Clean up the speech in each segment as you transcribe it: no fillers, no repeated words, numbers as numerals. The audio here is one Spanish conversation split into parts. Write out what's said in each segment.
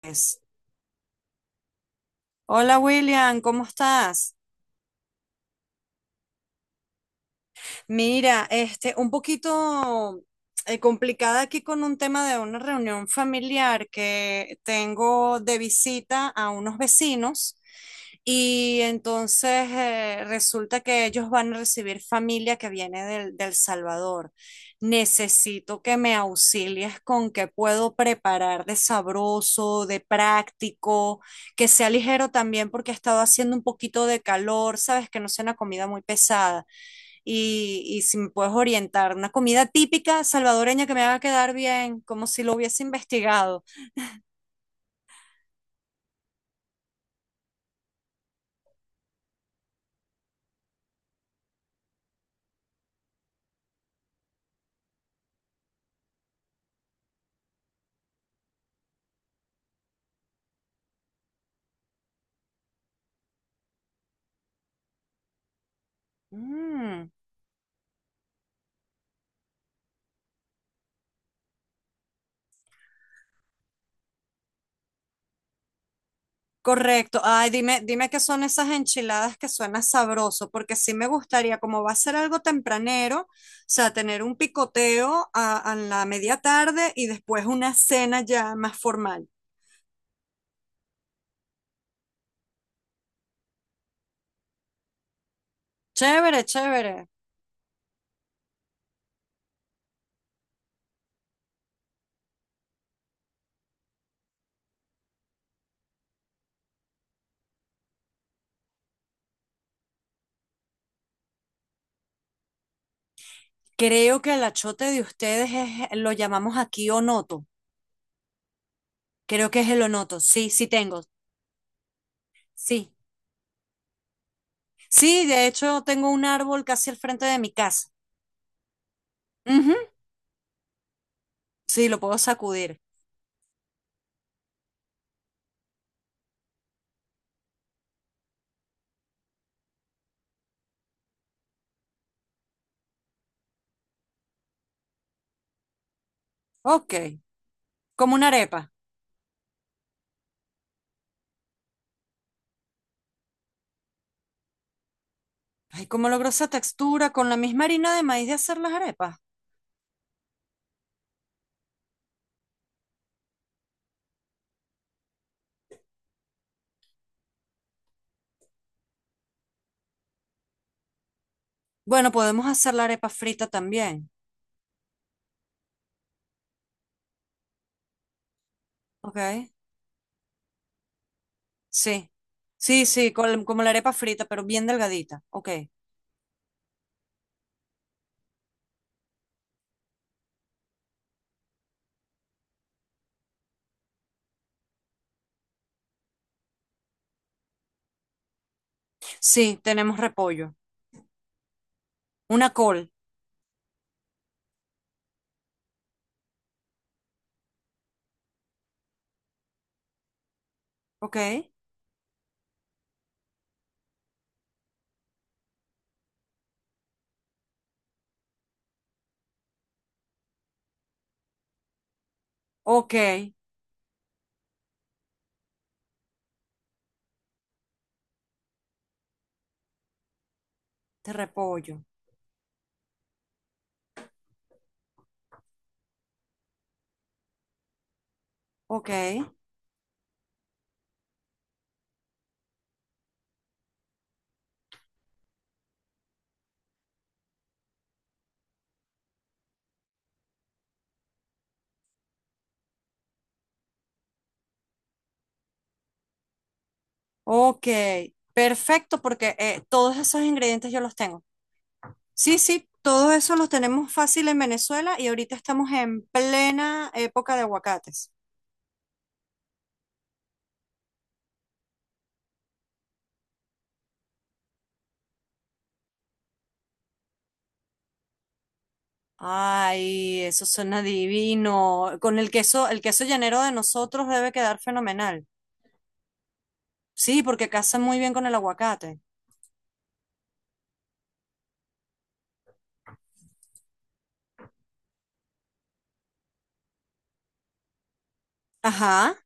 Pues, Hola William, ¿cómo estás? Mira, este, un poquito complicada aquí con un tema de una reunión familiar que tengo de visita a unos vecinos y entonces resulta que ellos van a recibir familia que viene del Salvador. Necesito que me auxilies con qué puedo preparar de sabroso, de práctico que sea ligero también porque ha estado haciendo un poquito de calor, sabes, que no sea una comida muy pesada. Y si me puedes orientar, una comida típica salvadoreña que me haga quedar bien, como si lo hubiese investigado. Mm, correcto. Ay, dime, dime qué son esas enchiladas que suena sabroso, porque sí me gustaría, como va a ser algo tempranero, o sea, tener un picoteo a la media tarde y después una cena ya más formal. Chévere, chévere. Creo que el achote de ustedes es, lo llamamos aquí onoto. Creo que es el onoto. Sí, sí tengo. Sí. Sí, de hecho tengo un árbol casi al frente de mi casa. Ujú, sí, lo puedo sacudir. Ok. Como una arepa. Ay, ¿cómo logró esa textura con la misma harina de maíz de hacer las arepas? Bueno, podemos hacer la arepa frita también. Ok. Sí. Sí, sí, como la arepa frita, pero bien delgadita. Ok. Sí, tenemos repollo. Una col. Ok. Ok. De repollo. Ok, ok, perfecto, porque todos esos ingredientes yo los tengo. Sí, sí, todos esos los tenemos fácil en Venezuela y ahorita estamos en plena época de aguacates. Ay, eso suena divino. Con el queso llanero de nosotros debe quedar fenomenal. Sí, porque casa muy bien con el aguacate. Ajá.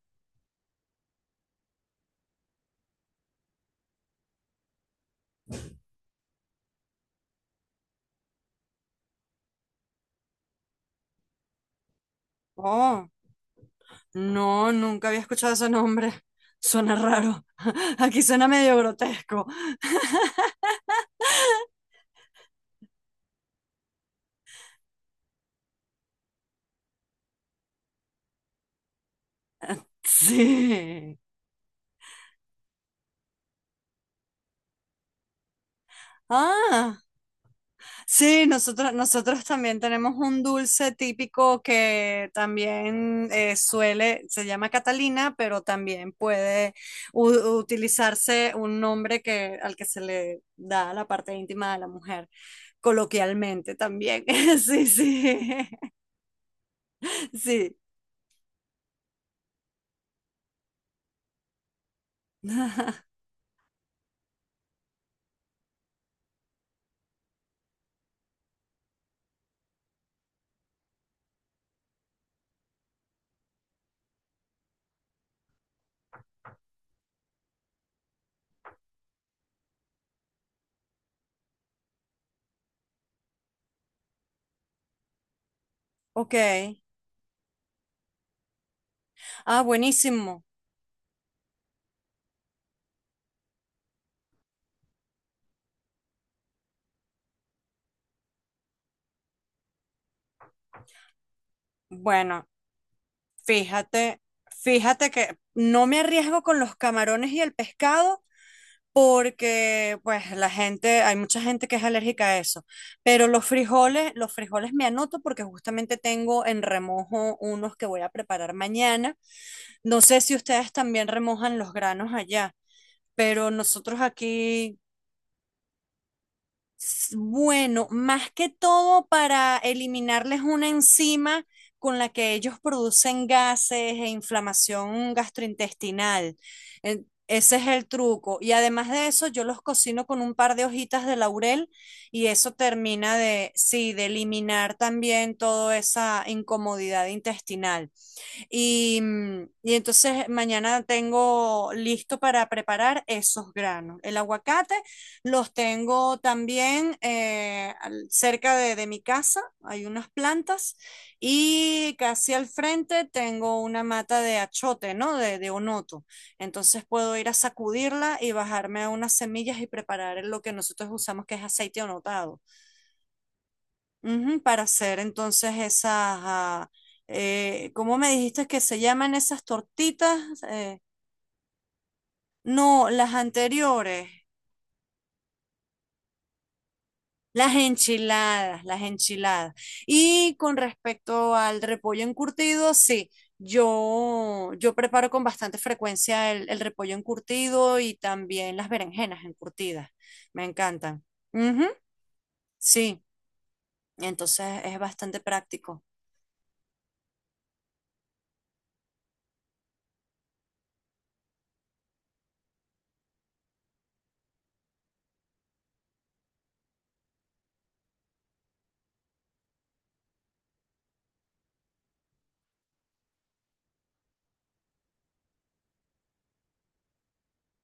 Oh, no, nunca había escuchado ese nombre. Suena raro. Aquí suena medio grotesco. Sí. Ah. Sí, nosotros también tenemos un dulce típico que también se llama Catalina, pero también puede utilizarse un nombre que, al que se le da a la parte íntima de la mujer, coloquialmente también. Sí, sí, sí. Ok. Ah, buenísimo. Bueno, fíjate, fíjate que no me arriesgo con los camarones y el pescado porque pues la gente, hay mucha gente que es alérgica a eso, pero los frijoles me anoto porque justamente tengo en remojo unos que voy a preparar mañana. No sé si ustedes también remojan los granos allá, pero nosotros aquí. Bueno, más que todo para eliminarles una enzima con la que ellos producen gases e inflamación gastrointestinal. Ese es el truco. Y además de eso, yo los cocino con un par de hojitas de laurel y eso termina de, sí, de eliminar también toda esa incomodidad intestinal. Y, mm, y entonces mañana tengo listo para preparar esos granos. El aguacate los tengo también cerca de mi casa, hay unas plantas y casi al frente tengo una mata de achote, ¿no? De onoto. Entonces puedo ir a sacudirla y bajarme unas semillas y preparar lo que nosotros usamos que es aceite onotado. Ujú, para hacer entonces esas, ah, ¿cómo me dijiste que se llaman esas tortitas? Eh, no, las anteriores, las enchiladas, las enchiladas. Y con respecto al repollo encurtido, sí, yo preparo con bastante frecuencia el repollo encurtido y también las berenjenas encurtidas, me encantan. Ujú, sí, entonces es bastante práctico.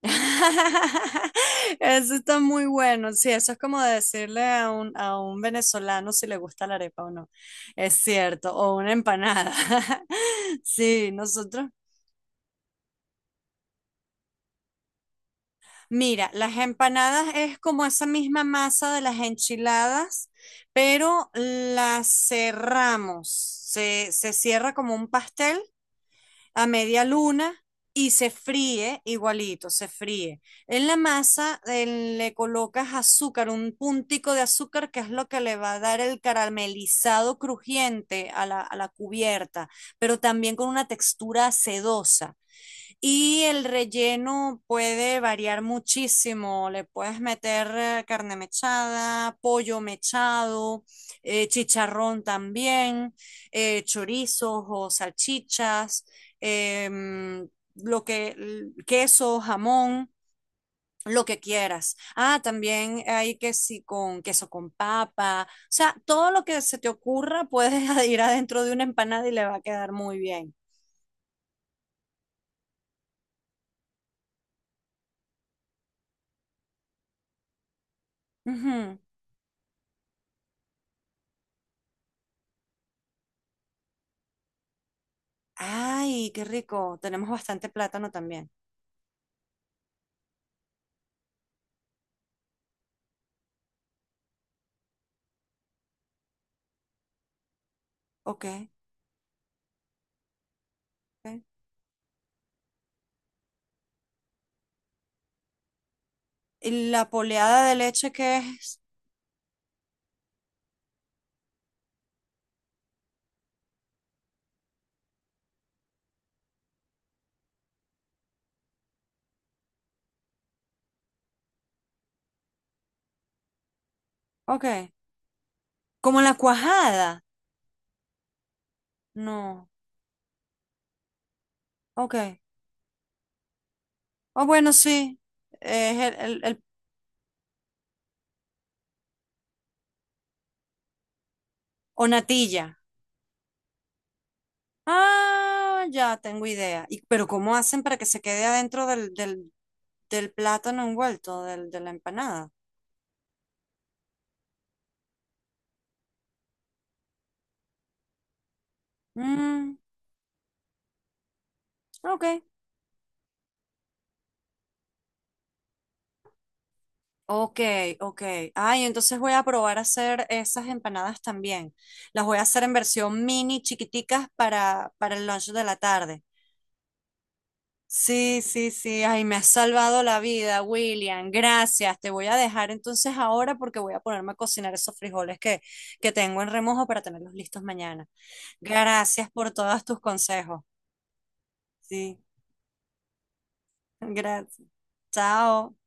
Eso está muy bueno. Sí, eso es como decirle a a un venezolano si le gusta la arepa o no. Es cierto, o una empanada. Sí, nosotros. Mira, las empanadas es como esa misma masa de las enchiladas, pero las cerramos. Se cierra como un pastel a media luna y se fríe igualito, se fríe. En la masa le colocas azúcar, un puntico de azúcar que es lo que le va a dar el caramelizado crujiente a a la cubierta, pero también con una textura sedosa. Y el relleno puede variar muchísimo. Le puedes meter carne mechada, pollo mechado, chicharrón también, chorizos o salchichas, em, queso, jamón, lo que quieras. Ah, también hay que sí con queso con papa. O sea, todo lo que se te ocurra puedes ir adentro de una empanada y le va a quedar muy bien. Ujú. Ay, qué rico. Tenemos bastante plátano también. Ok. Ok. ¿Y la poleada de leche qué es? Ok. ¿Como la cuajada? No. Ok. Oh, bueno, sí. Es o natilla. Ah, ya tengo idea. Y, pero ¿cómo hacen para que se quede adentro del plátano envuelto, del, de la empanada? Mm, ok. Ok, ok. Ay, entonces voy a probar a hacer esas empanadas también. Las voy a hacer en versión mini, chiquiticas para el lunch de la tarde. Sí, sí, sí. Ay, me has salvado la vida, William. Gracias. Te voy a dejar entonces ahora porque voy a ponerme a cocinar esos frijoles que tengo en remojo para tenerlos listos mañana. Gracias por todos tus consejos. Sí, gracias. Chao.